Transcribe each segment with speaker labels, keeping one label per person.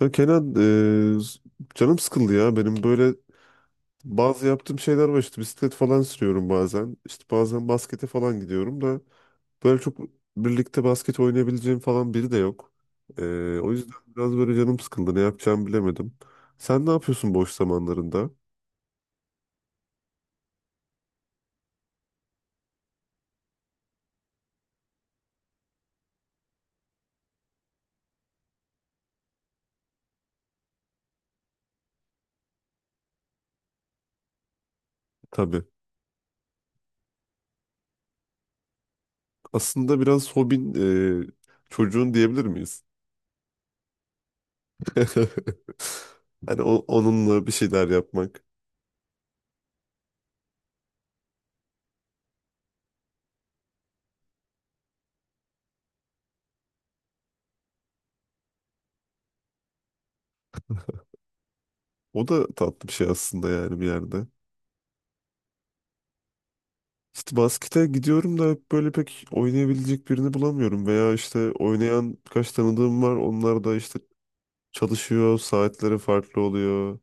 Speaker 1: Ya Kenan, canım sıkıldı ya benim böyle bazı yaptığım şeyler var işte bisiklet falan sürüyorum bazen işte bazen baskete falan gidiyorum da böyle çok birlikte basket oynayabileceğim falan biri de yok. O yüzden biraz böyle canım sıkıldı ne yapacağımı bilemedim. Sen ne yapıyorsun boş zamanlarında? Tabii aslında biraz hobin eee, çocuğun diyebilir miyiz? Hani onunla bir şeyler yapmak o da tatlı bir şey aslında yani bir yerde. İşte baskete gidiyorum da hep böyle pek oynayabilecek birini bulamıyorum. Veya işte oynayan kaç tanıdığım var. Onlar da işte çalışıyor, saatleri farklı oluyor.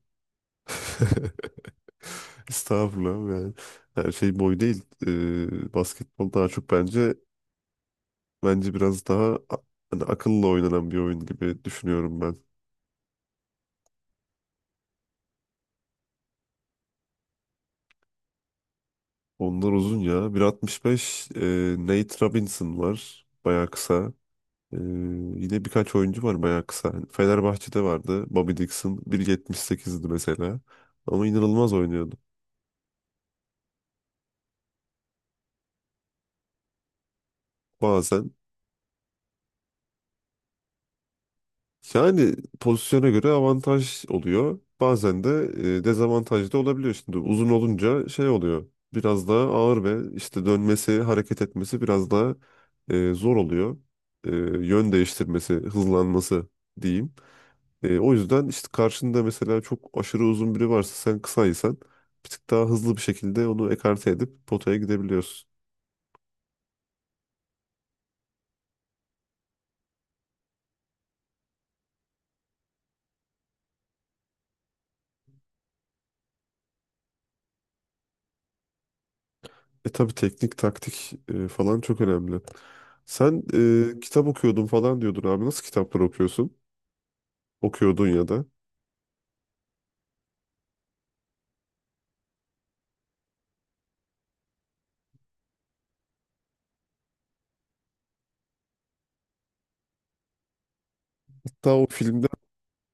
Speaker 1: Estağfurullah yani. Her şey boy değil. Basketbol daha çok bence hani akılla oynanan bir oyun gibi düşünüyorum ben. Onlar uzun ya. 1,65 Nate Robinson var. Bayağı kısa. Ee, Yine birkaç oyuncu var bayağı kısa. Fenerbahçe'de vardı. Bobby Dixon 1,78'di mesela. Ama inanılmaz oynuyordu. Bazen yani pozisyona göre avantaj oluyor. Bazen de dezavantaj da olabiliyor. Şimdi uzun olunca şey oluyor. Biraz daha ağır ve işte dönmesi, hareket etmesi biraz daha zor oluyor. E, Yön değiştirmesi, hızlanması diyeyim. O yüzden işte karşında mesela çok aşırı uzun biri varsa sen kısaysan bir tık daha hızlı bir şekilde onu ekarte edip potaya gidebiliyorsun. Tabii teknik, taktik falan çok önemli. Sen kitap okuyordun falan diyordun abi. Nasıl kitaplar okuyorsun? Okuyordun ya da. Hatta o filmden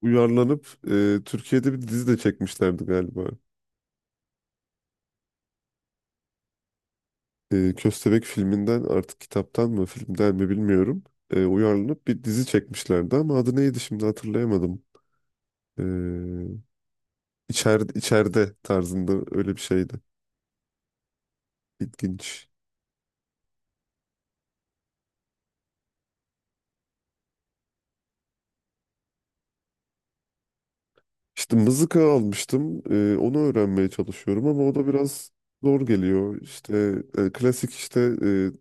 Speaker 1: uyarlanıp Türkiye'de bir dizi de çekmişlerdi galiba. Köstebek filminden artık kitaptan mı filmden mi bilmiyorum. Uyarlanıp bir dizi çekmişlerdi ama adı neydi şimdi hatırlayamadım. E, İçeride, içeride tarzında öyle bir şeydi. İlginç. İşte mızıka almıştım. Onu öğrenmeye çalışıyorum ama o da biraz zor geliyor. İşte klasik işte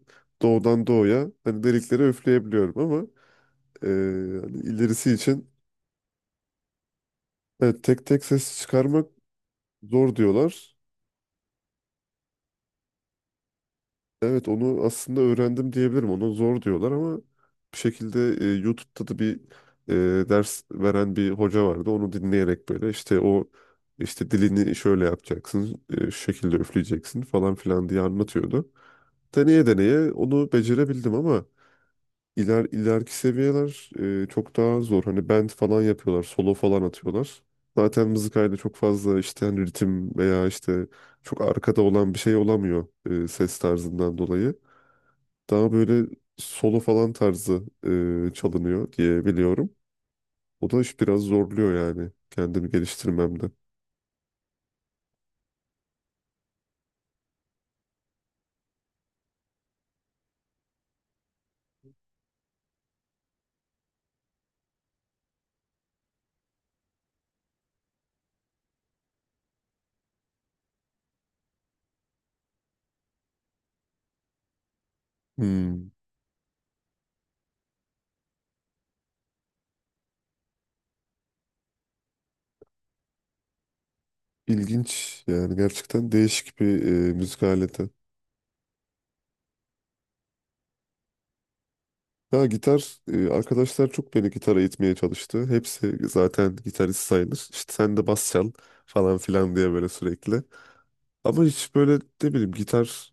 Speaker 1: doğudan doğuya hani delikleri üfleyebiliyorum ama e, hani ilerisi için evet, tek tek ses çıkarmak zor diyorlar. Evet onu aslında öğrendim diyebilirim. Onu zor diyorlar ama bir şekilde YouTube'da da bir ders veren bir hoca vardı. Onu dinleyerek böyle işte o işte dilini şöyle yapacaksın, şu şekilde üfleyeceksin falan filan diye anlatıyordu. Deneye deneye onu becerebildim ama ileriki seviyeler çok daha zor. Hani band falan yapıyorlar, solo falan atıyorlar. Zaten mızıkayla çok fazla işte hani ritim veya işte çok arkada olan bir şey olamıyor ses tarzından dolayı. Daha böyle solo falan tarzı çalınıyor diye biliyorum. O da iş biraz zorluyor yani kendimi geliştirmemde. Hmm, ilginç yani gerçekten değişik bir müzik aleti. Ya gitar arkadaşlar çok beni gitara itmeye çalıştı. Hepsi zaten gitarist sayılır. İşte sen de bas çal falan filan diye böyle sürekli. Ama hiç böyle ne bileyim gitar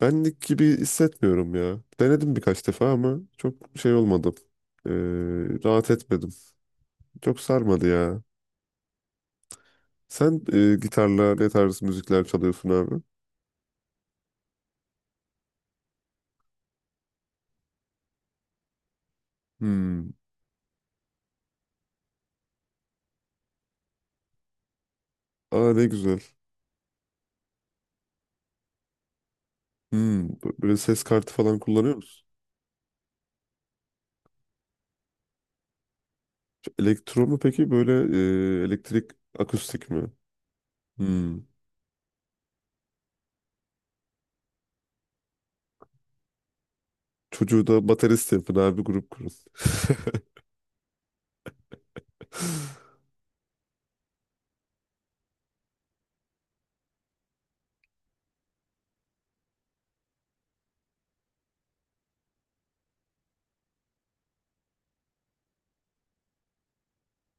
Speaker 1: benlik gibi hissetmiyorum ya. Denedim birkaç defa ama çok şey olmadı. E, Rahat etmedim. Çok sarmadı ya. Sen gitarla ne tarz müzikler çalıyorsun abi? Hmm. Aa ne güzel. Hmm. Böyle ses kartı falan kullanıyor musun? Elektro mu peki? Böyle elektrik akustik mi? Hmm. Çocuğu da baterist yapın abi grup kurun.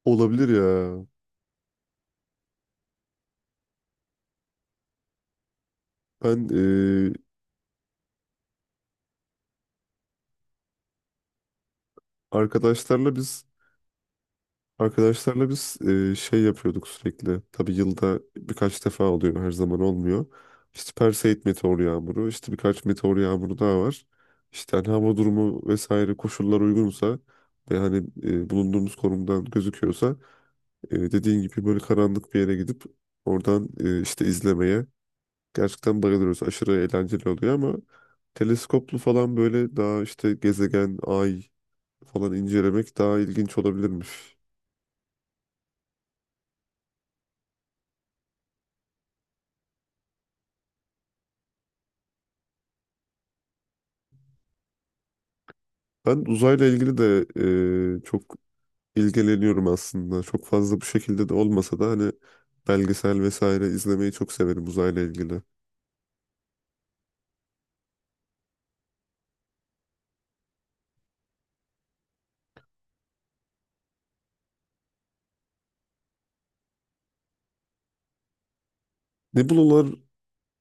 Speaker 1: Olabilir ya. Ben e, arkadaşlarla biz Arkadaşlarla biz şey yapıyorduk sürekli. Tabii yılda birkaç defa oluyor, her zaman olmuyor. İşte Perseid meteor yağmuru, işte birkaç meteor yağmuru daha var. İşte hani hava durumu vesaire koşullar uygunsa ve hani bulunduğumuz konumdan gözüküyorsa dediğin gibi böyle karanlık bir yere gidip oradan işte izlemeye gerçekten bayılıyoruz. Aşırı eğlenceli oluyor ama teleskoplu falan böyle daha işte gezegen, ay falan incelemek daha ilginç olabilirmiş. Ben uzayla ilgili de çok ilgileniyorum aslında. Çok fazla bu şekilde de olmasa da hani belgesel vesaire izlemeyi çok severim uzayla ilgili. Nebulalar,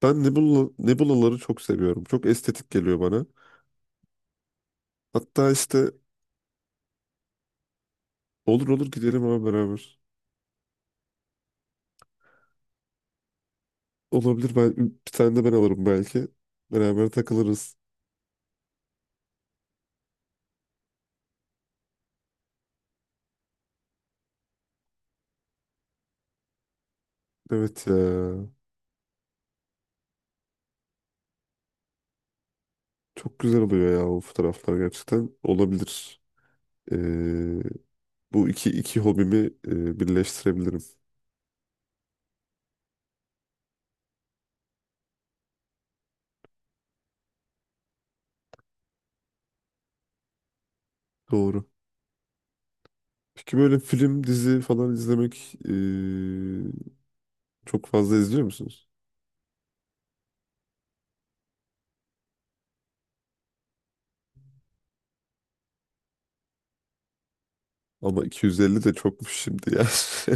Speaker 1: nebulaları çok seviyorum. Çok estetik geliyor bana. Hatta işte olur olur gidelim ama beraber. Olabilir ben bir tane de ben alırım belki. Beraber takılırız. Evet ya. Çok güzel oluyor ya o fotoğraflar gerçekten. Olabilir. E, Bu iki hobimi birleştirebilirim. Doğru. Peki böyle film, dizi falan izlemek çok fazla izliyor musunuz? Ama 250 de çokmuş şimdi ya.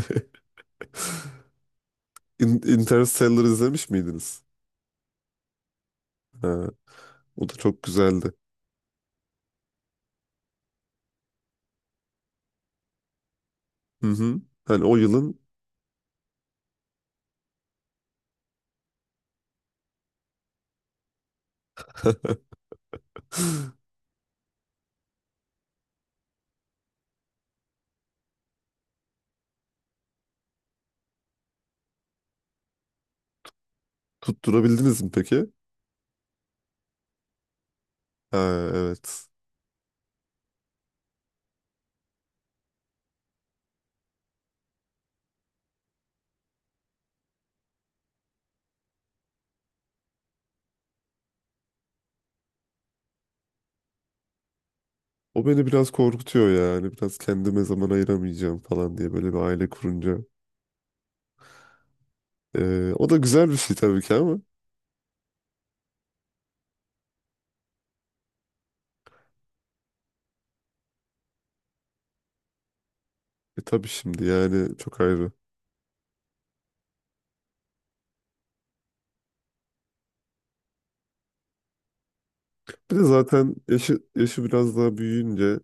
Speaker 1: Interstellar izlemiş miydiniz? Ha, o da çok güzeldi. Hı hı. Hani o yılın tutturabildiniz mi peki? Ha, evet. O beni biraz korkutuyor yani. Biraz kendime zaman ayıramayacağım falan diye böyle bir aile kurunca. O da güzel bir şey tabii ki ama. Tabii şimdi yani çok ayrı. Bir de zaten yaşı biraz daha büyüyünce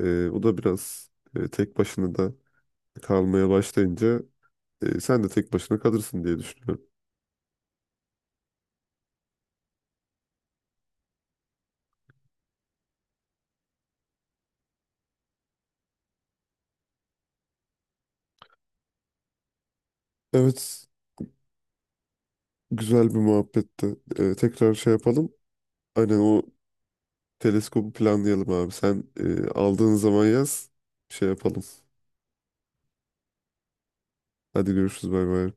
Speaker 1: O da biraz tek başına da kalmaya başlayınca sen de tek başına kalırsın diye düşünüyorum. Evet, güzel bir muhabbetti. Tekrar şey yapalım. Aynen o teleskobu planlayalım abi. Sen aldığın zaman yaz, şey yapalım. Hadi görüşürüz, bay bay.